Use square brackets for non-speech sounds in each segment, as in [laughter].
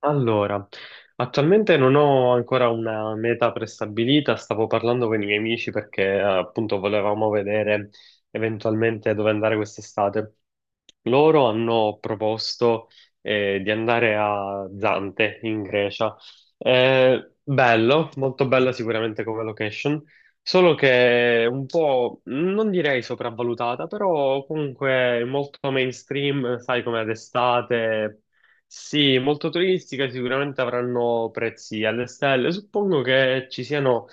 Allora, attualmente non ho ancora una meta prestabilita, stavo parlando con i miei amici perché appunto volevamo vedere eventualmente dove andare quest'estate. Loro hanno proposto di andare a Zante in Grecia. Bello, molto bello sicuramente come location, solo che un po' non direi sopravvalutata, però comunque molto mainstream, sai come ad estate. Sì, molto turistica, sicuramente avranno prezzi alle stelle. Suppongo che ci siano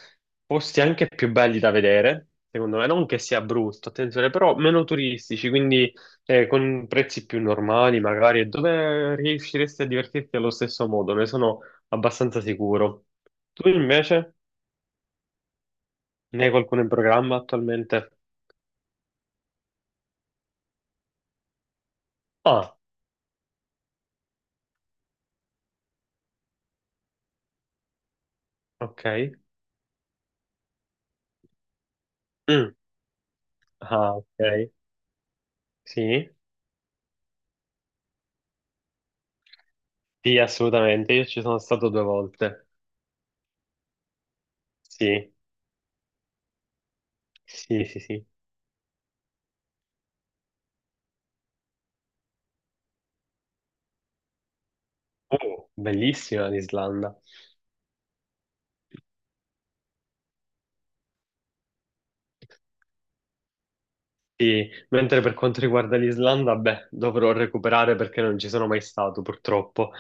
posti anche più belli da vedere, secondo me, non che sia brutto, attenzione, però meno turistici, quindi con prezzi più normali magari, e dove riusciresti a divertirti allo stesso modo, ne sono abbastanza sicuro. Tu invece ne hai qualcuno in programma attualmente? Ah, ok. Mm. Ah, ok. Sì, sì, assolutamente, io ci sono stato due volte. Sì. Sì, sì, sì. Oh, bellissima l'Islanda. Sì, mentre per quanto riguarda l'Islanda, beh, dovrò recuperare perché non ci sono mai stato, purtroppo.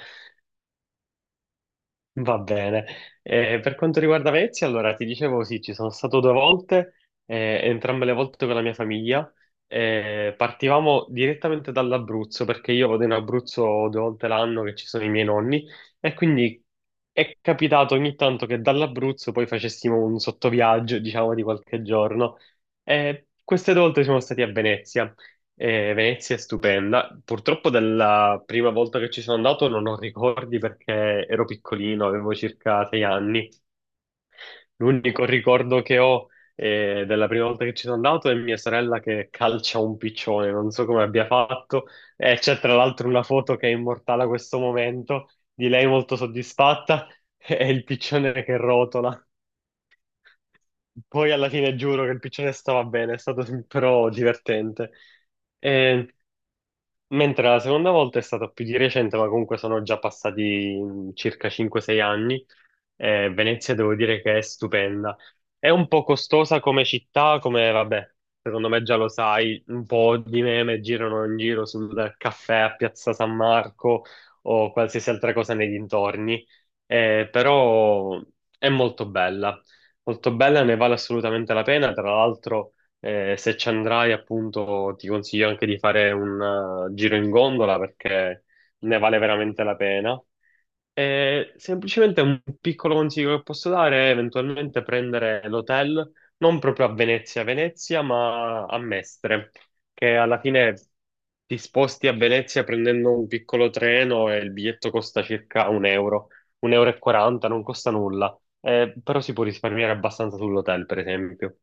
Va bene. Per quanto riguarda Venezia, allora ti dicevo sì, ci sono stato due volte, entrambe le volte con la mia famiglia. Partivamo direttamente dall'Abruzzo perché io vado in Abruzzo due volte l'anno che ci sono i miei nonni e quindi è capitato ogni tanto che dall'Abruzzo poi facessimo un sottoviaggio, diciamo, di qualche giorno. Queste due volte siamo stati a Venezia. Venezia è stupenda. Purtroppo dalla prima volta che ci sono andato non ho ricordi perché ero piccolino, avevo circa 6 anni. L'unico ricordo che ho della prima volta che ci sono andato è mia sorella che calcia un piccione, non so come abbia fatto. E c'è tra l'altro una foto che è immortale a questo momento di lei molto soddisfatta [laughs] e il piccione che rotola. Poi alla fine giuro che il piccione stava bene, è stato però divertente. Eh, Mentre la seconda volta è stata più di recente, ma comunque sono già passati circa 5-6 anni. Venezia devo dire che è stupenda. È un po' costosa come città, come vabbè, secondo me già lo sai, un po' di meme girano in giro sul caffè a Piazza San Marco o qualsiasi altra cosa nei dintorni. Però è molto bella, ne vale assolutamente la pena. Tra l'altro. Se ci andrai, appunto, ti consiglio anche di fare un giro in gondola perché ne vale veramente la pena. E semplicemente un piccolo consiglio che posso dare è eventualmente prendere l'hotel non proprio a Venezia, Venezia, ma a Mestre, che alla fine ti sposti a Venezia prendendo un piccolo treno e il biglietto costa circa un euro e 40, non costa nulla. Però si può risparmiare abbastanza sull'hotel, per esempio.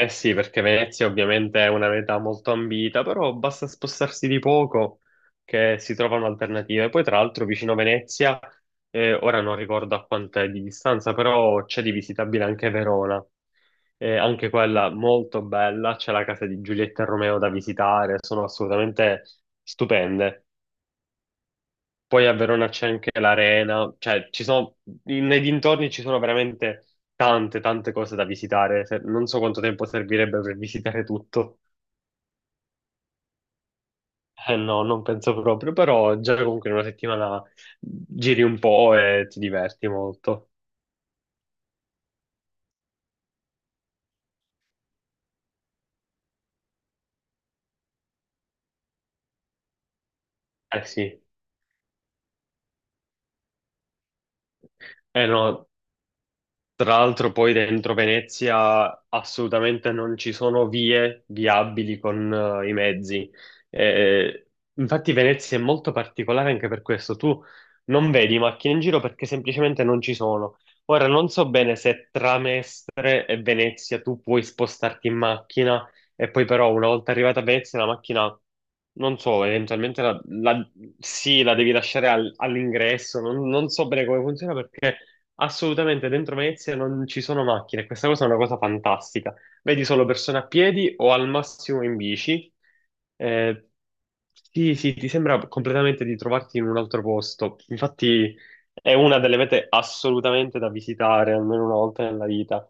Eh sì, perché Venezia ovviamente è una meta molto ambita, però basta spostarsi di poco che si trovano alternative. Poi tra l'altro vicino Venezia, ora non ricordo a quant'è di distanza, però c'è di visitabile anche Verona. Anche quella molto bella, c'è la casa di Giulietta e Romeo da visitare, sono assolutamente stupende. Poi a Verona c'è anche l'arena, cioè ci sono, nei dintorni ci sono veramente tante, tante cose da visitare. Non so quanto tempo servirebbe per visitare tutto. Eh no, non penso proprio, però già comunque in una settimana giri un po' e ti diverti molto. Eh sì, eh no, tra l'altro poi dentro Venezia assolutamente non ci sono vie viabili con i mezzi. Eh, eh, infatti Venezia è molto particolare anche per questo. Tu non vedi macchine in giro perché semplicemente non ci sono. Ora non so bene se tra Mestre e Venezia tu puoi spostarti in macchina e poi però una volta arrivata a Venezia la macchina, non so, eventualmente sì, la devi lasciare all'ingresso, non so bene come funziona perché... Assolutamente, dentro Venezia non ci sono macchine, questa cosa è una cosa fantastica. Vedi solo persone a piedi o al massimo in bici. Eh, sì, sì, ti sembra completamente di trovarti in un altro posto. Infatti è una delle mete assolutamente da visitare, almeno una volta nella vita.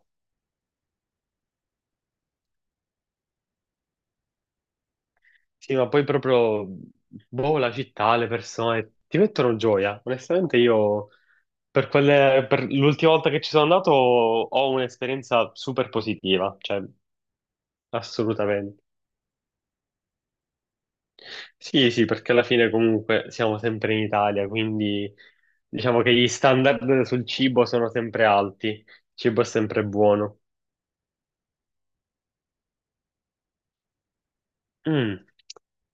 Sì, ma poi proprio, boh, la città, le persone, ti mettono gioia. Onestamente io, per l'ultima volta che ci sono andato, ho un'esperienza super positiva. Cioè, assolutamente. Sì, sì, perché alla fine comunque siamo sempre in Italia, quindi diciamo che gli standard sul cibo sono sempre alti, il cibo è sempre buono. Mm.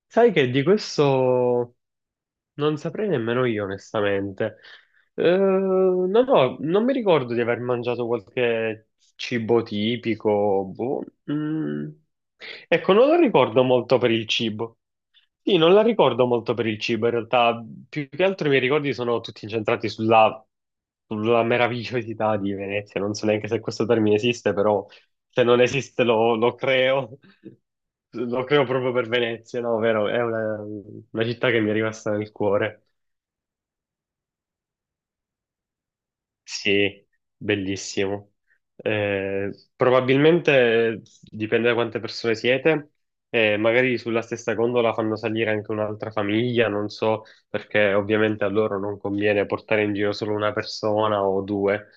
Sai che di questo non saprei nemmeno io, onestamente. No, no, non mi ricordo di aver mangiato qualche cibo tipico. Boh. Mm. Ecco, non lo ricordo molto per il cibo. Sì, non la ricordo molto per il cibo, in realtà più che altro i miei ricordi sono tutti incentrati sulla meravigliosità di Venezia, non so neanche se questo termine esiste, però se non esiste lo creo, [laughs] lo creo proprio per Venezia, no, vero? È una città che mi è rimasta nel cuore. Sì, bellissimo. Eh, probabilmente dipende da quante persone siete, magari sulla stessa gondola fanno salire anche un'altra famiglia, non so, perché ovviamente a loro non conviene portare in giro solo una persona o due,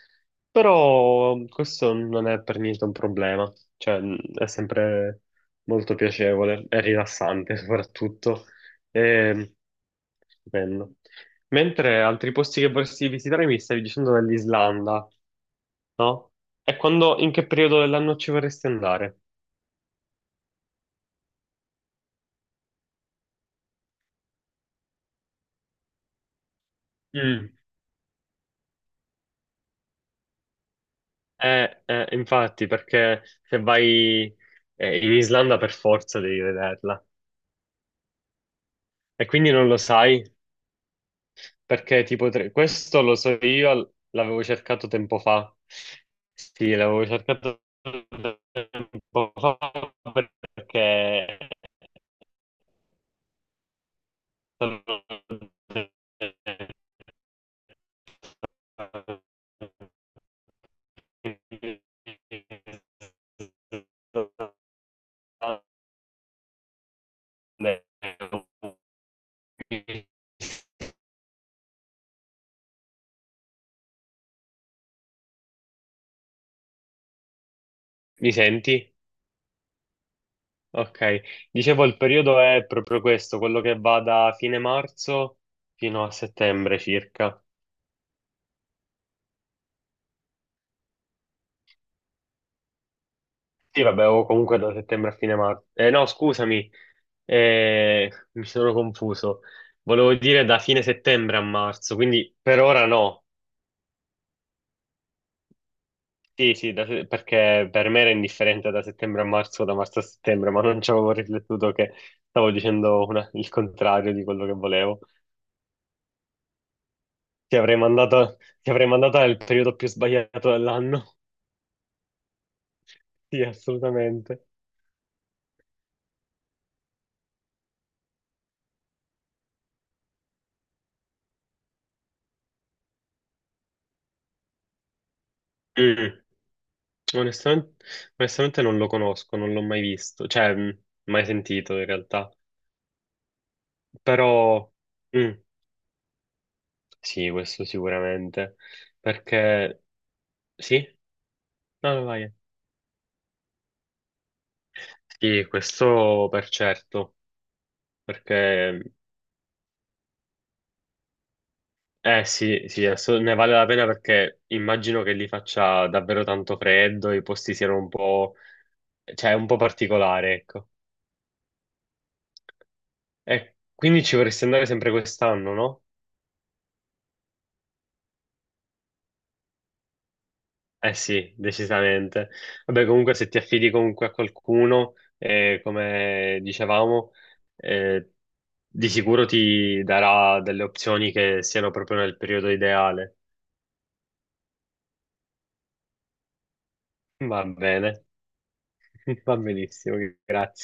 però questo non è per niente un problema, cioè è sempre molto piacevole e rilassante [laughs] soprattutto. Eh, stupendo. Mentre altri posti che vorresti visitare mi stavi dicendo dell'Islanda, no? E quando, in che periodo dell'anno ci vorresti andare? Mm. Infatti, perché se vai in Islanda per forza devi vederla. E quindi non lo sai, perché questo lo so io, l'avevo cercato tempo fa. Sì, l'avevo cercato tempo fa perché sono. Mi senti? Ok. Dicevo, il periodo è proprio questo, quello che va da fine marzo fino a settembre circa. Sì, vabbè, o comunque da settembre a fine marzo. No, scusami, mi sono confuso. Volevo dire da fine settembre a marzo, quindi per ora no. Sì, sì, perché per me era indifferente da settembre a marzo, da marzo a settembre, ma non ci avevo riflettuto che stavo dicendo il contrario di quello che volevo. Ti avrei mandato, ti avrei mandato nel periodo più sbagliato dell'anno. [laughs] Sì, assolutamente. Mm. Onestamente, onestamente non lo conosco, non l'ho mai visto, cioè, mai sentito in realtà. Però, mm, sì, questo sicuramente. Perché, sì? No, no, vai. Sì, questo per certo. Perché, eh sì, sì, adesso ne vale la pena perché immagino che lì faccia davvero tanto freddo, i posti siano un po', cioè un po' particolare, ecco. E quindi ci vorresti andare sempre quest'anno, no? Eh sì, decisamente. Vabbè, comunque se ti affidi comunque a qualcuno, come dicevamo, eh, di sicuro ti darà delle opzioni che siano proprio nel periodo ideale. Va bene, [laughs] va benissimo, grazie.